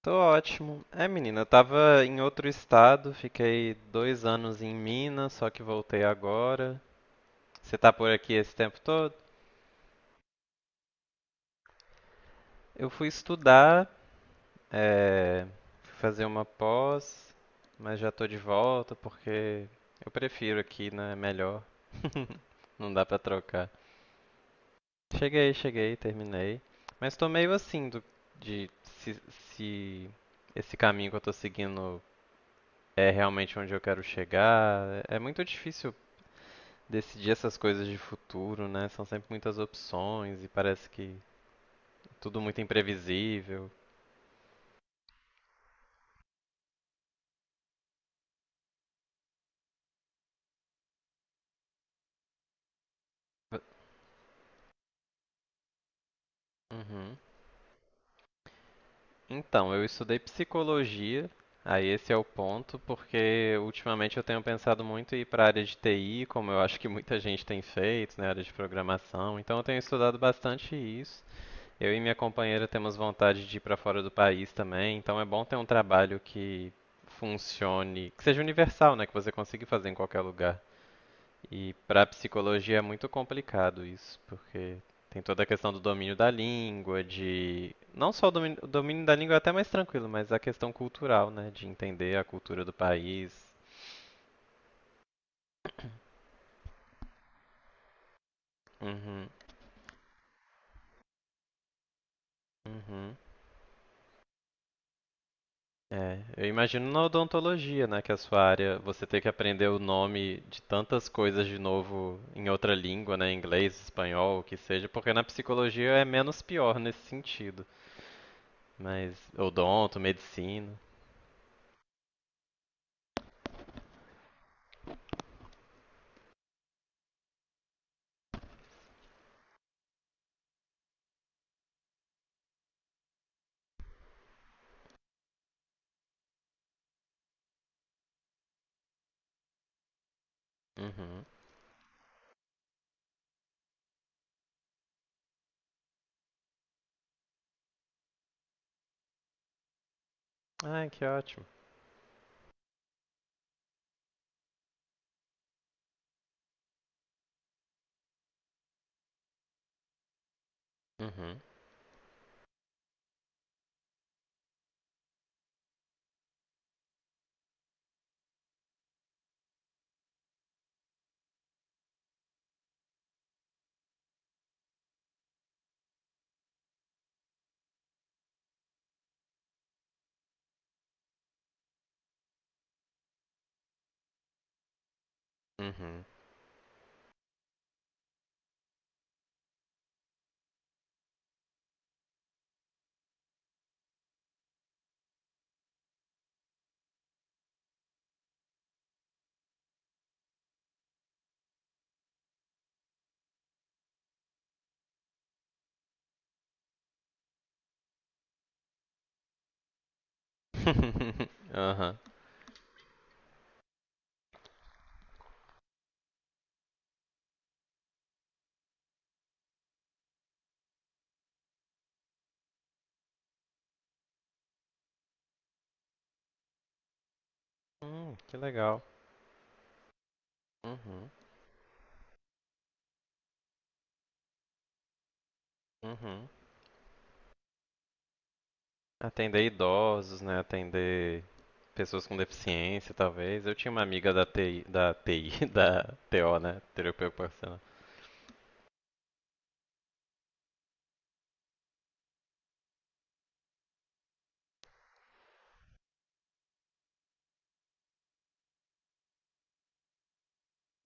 Tô ótimo. Menina, eu tava em outro estado, fiquei dois anos em Minas, só que voltei agora. Você tá por aqui esse tempo todo? Eu fui estudar, é, fui fazer uma pós, mas já tô de volta porque eu prefiro aqui, né? Melhor, não dá pra trocar. Cheguei, terminei. Mas tô meio assim de se esse caminho que eu tô seguindo é realmente onde eu quero chegar. É muito difícil decidir essas coisas de futuro, né? São sempre muitas opções e parece que tudo muito imprevisível. Uhum. Então, eu estudei psicologia, aí esse é o ponto, porque ultimamente eu tenho pensado muito em ir para a área de TI, como eu acho que muita gente tem feito, né, área de programação. Então eu tenho estudado bastante isso. Eu e minha companheira temos vontade de ir para fora do país também, então é bom ter um trabalho que funcione, que seja universal, né, que você consiga fazer em qualquer lugar. E para psicologia é muito complicado isso, porque tem toda a questão do domínio da língua, de não só o domínio da língua é até mais tranquilo, mas a questão cultural, né, de entender a cultura do país. Uhum, uhum. É, eu imagino na odontologia, né, que é a sua área, você ter que aprender o nome de tantas coisas de novo em outra língua, né, inglês, espanhol, o que seja, porque na psicologia é menos pior nesse sentido. Mas odonto, medicina. Uhum. Ai, que ótimo. Uhum. Uhum. Aham. Que legal. Uhum. Uhum. Atender idosos, né? Atender pessoas com deficiência, talvez. Eu tinha uma amiga da TI, da TO, né? Terapia ocupacional.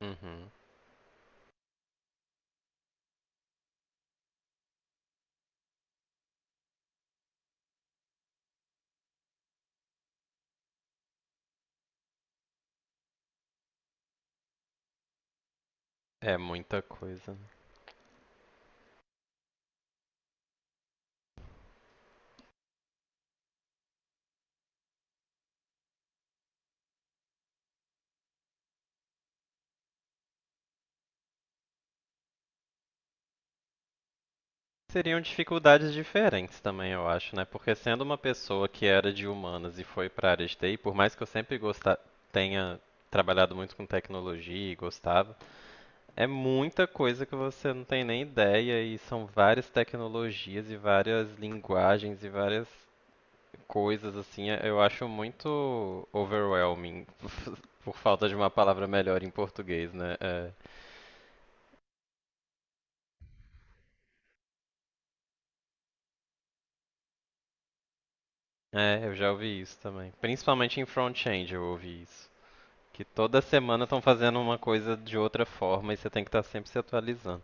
Uhum. É muita coisa, né? Seriam dificuldades diferentes também, eu acho, né? Porque sendo uma pessoa que era de humanas e foi para a área de TI, por mais que eu sempre gostar, tenha trabalhado muito com tecnologia e gostava, é muita coisa que você não tem nem ideia, e são várias tecnologias e várias linguagens e várias coisas assim. Eu acho muito overwhelming, por falta de uma palavra melhor em português, né? Eu já ouvi isso também. Principalmente em front-end eu ouvi isso. Que toda semana estão fazendo uma coisa de outra forma e você tem que estar sempre se atualizando.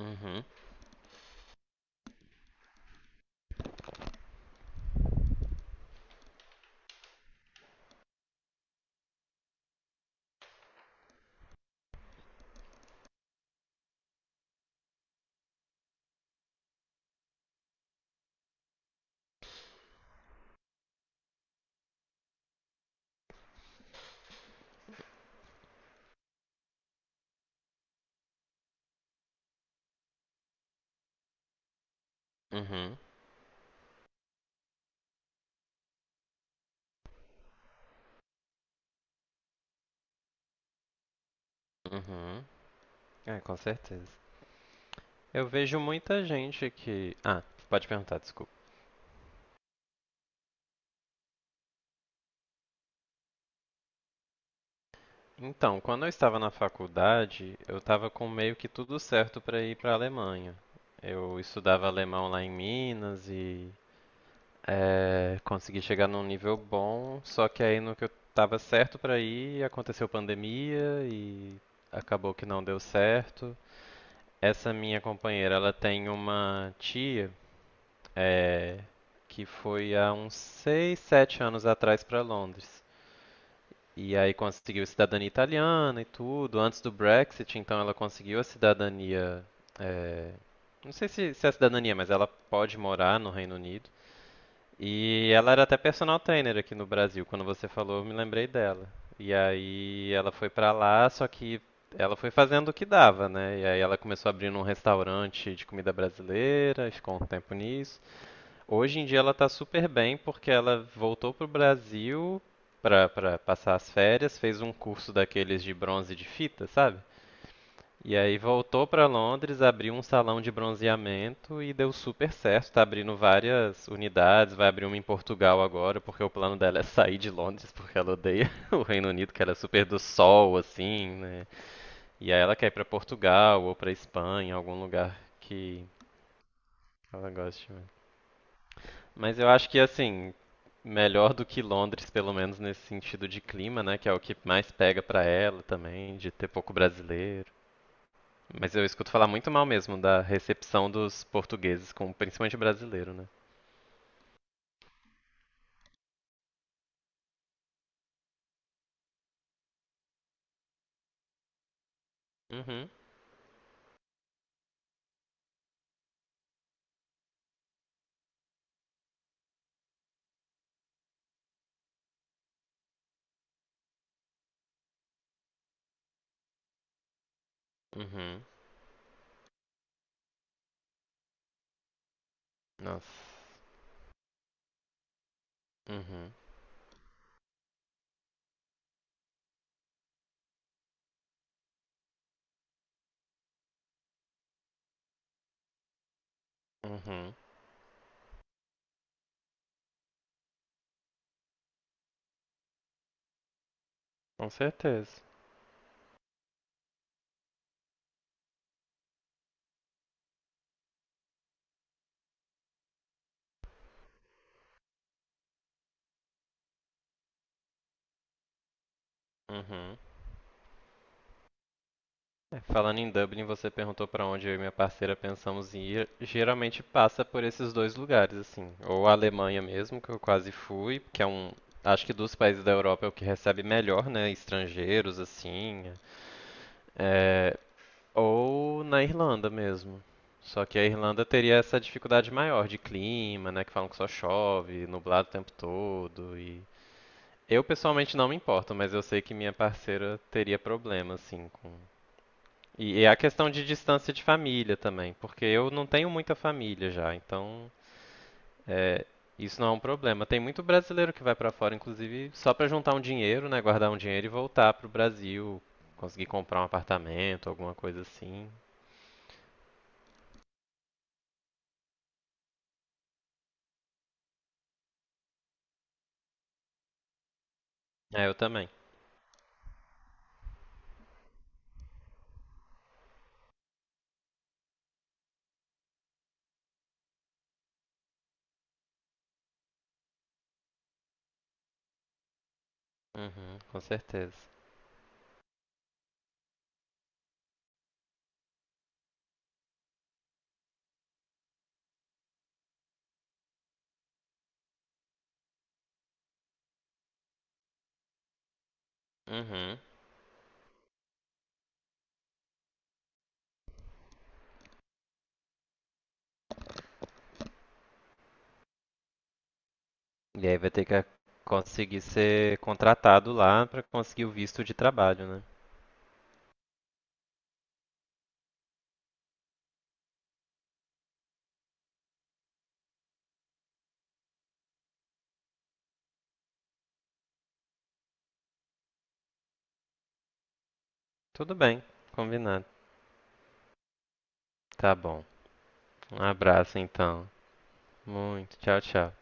Uhum, uhum, uhum. É, com certeza. Eu vejo muita gente que. Ah, pode perguntar, desculpa. Então, quando eu estava na faculdade, eu estava com meio que tudo certo para ir para a Alemanha. Eu estudava alemão lá em Minas e consegui chegar num nível bom, só que aí no que eu estava certo para ir, aconteceu pandemia e acabou que não deu certo. Essa minha companheira, ela tem uma tia eh, que foi há uns 6, 7 anos atrás para Londres. E aí conseguiu cidadania italiana e tudo. Antes do Brexit, então ela conseguiu a cidadania. é, Não sei se é a cidadania, mas ela pode morar no Reino Unido. E ela era até personal trainer aqui no Brasil. Quando você falou, eu me lembrei dela. E aí ela foi pra lá, só que ela foi fazendo o que dava, né? E aí ela começou abrindo um restaurante de comida brasileira, e ficou um tempo nisso. Hoje em dia ela tá super bem porque ela voltou pro Brasil pra passar as férias, fez um curso daqueles de bronze de fita, sabe? E aí voltou pra Londres, abriu um salão de bronzeamento e deu super certo. Tá abrindo várias unidades, vai abrir uma em Portugal agora, porque o plano dela é sair de Londres, porque ela odeia o Reino Unido, que ela é super do sol, assim, né? E aí ela quer ir pra Portugal ou pra Espanha, algum lugar que ela goste mais. Mas eu acho que assim, melhor do que Londres, pelo menos nesse sentido de clima, né, que é o que mais pega pra ela também, de ter pouco brasileiro. Mas eu escuto falar muito mal mesmo da recepção dos portugueses com principalmente brasileiro, né? Uhum. Uhum. Nossa. Uhum. Uhum. Com certeza. Uhum. É, falando em Dublin, você perguntou pra onde eu e minha parceira pensamos em ir. Geralmente passa por esses dois lugares, assim. Ou a Alemanha mesmo, que eu quase fui, que é um. Acho que dos países da Europa é o que recebe melhor, né? Estrangeiros, assim. É, ou na Irlanda mesmo. Só que a Irlanda teria essa dificuldade maior de clima, né? Que falam que só chove, nublado o tempo todo. E eu pessoalmente não me importo, mas eu sei que minha parceira teria problema, assim, com e é a questão de distância de família também, porque eu não tenho muita família já, então é, isso não é um problema. Tem muito brasileiro que vai pra fora, inclusive, só pra juntar um dinheiro, né, guardar um dinheiro e voltar pro Brasil, conseguir comprar um apartamento, alguma coisa assim. É, eu também. Uhum, com certeza. Uhum. E aí vai ter que conseguir ser contratado lá pra conseguir o visto de trabalho, né? Tudo bem, combinado. Tá bom. Um abraço então. Muito. Tchau, tchau.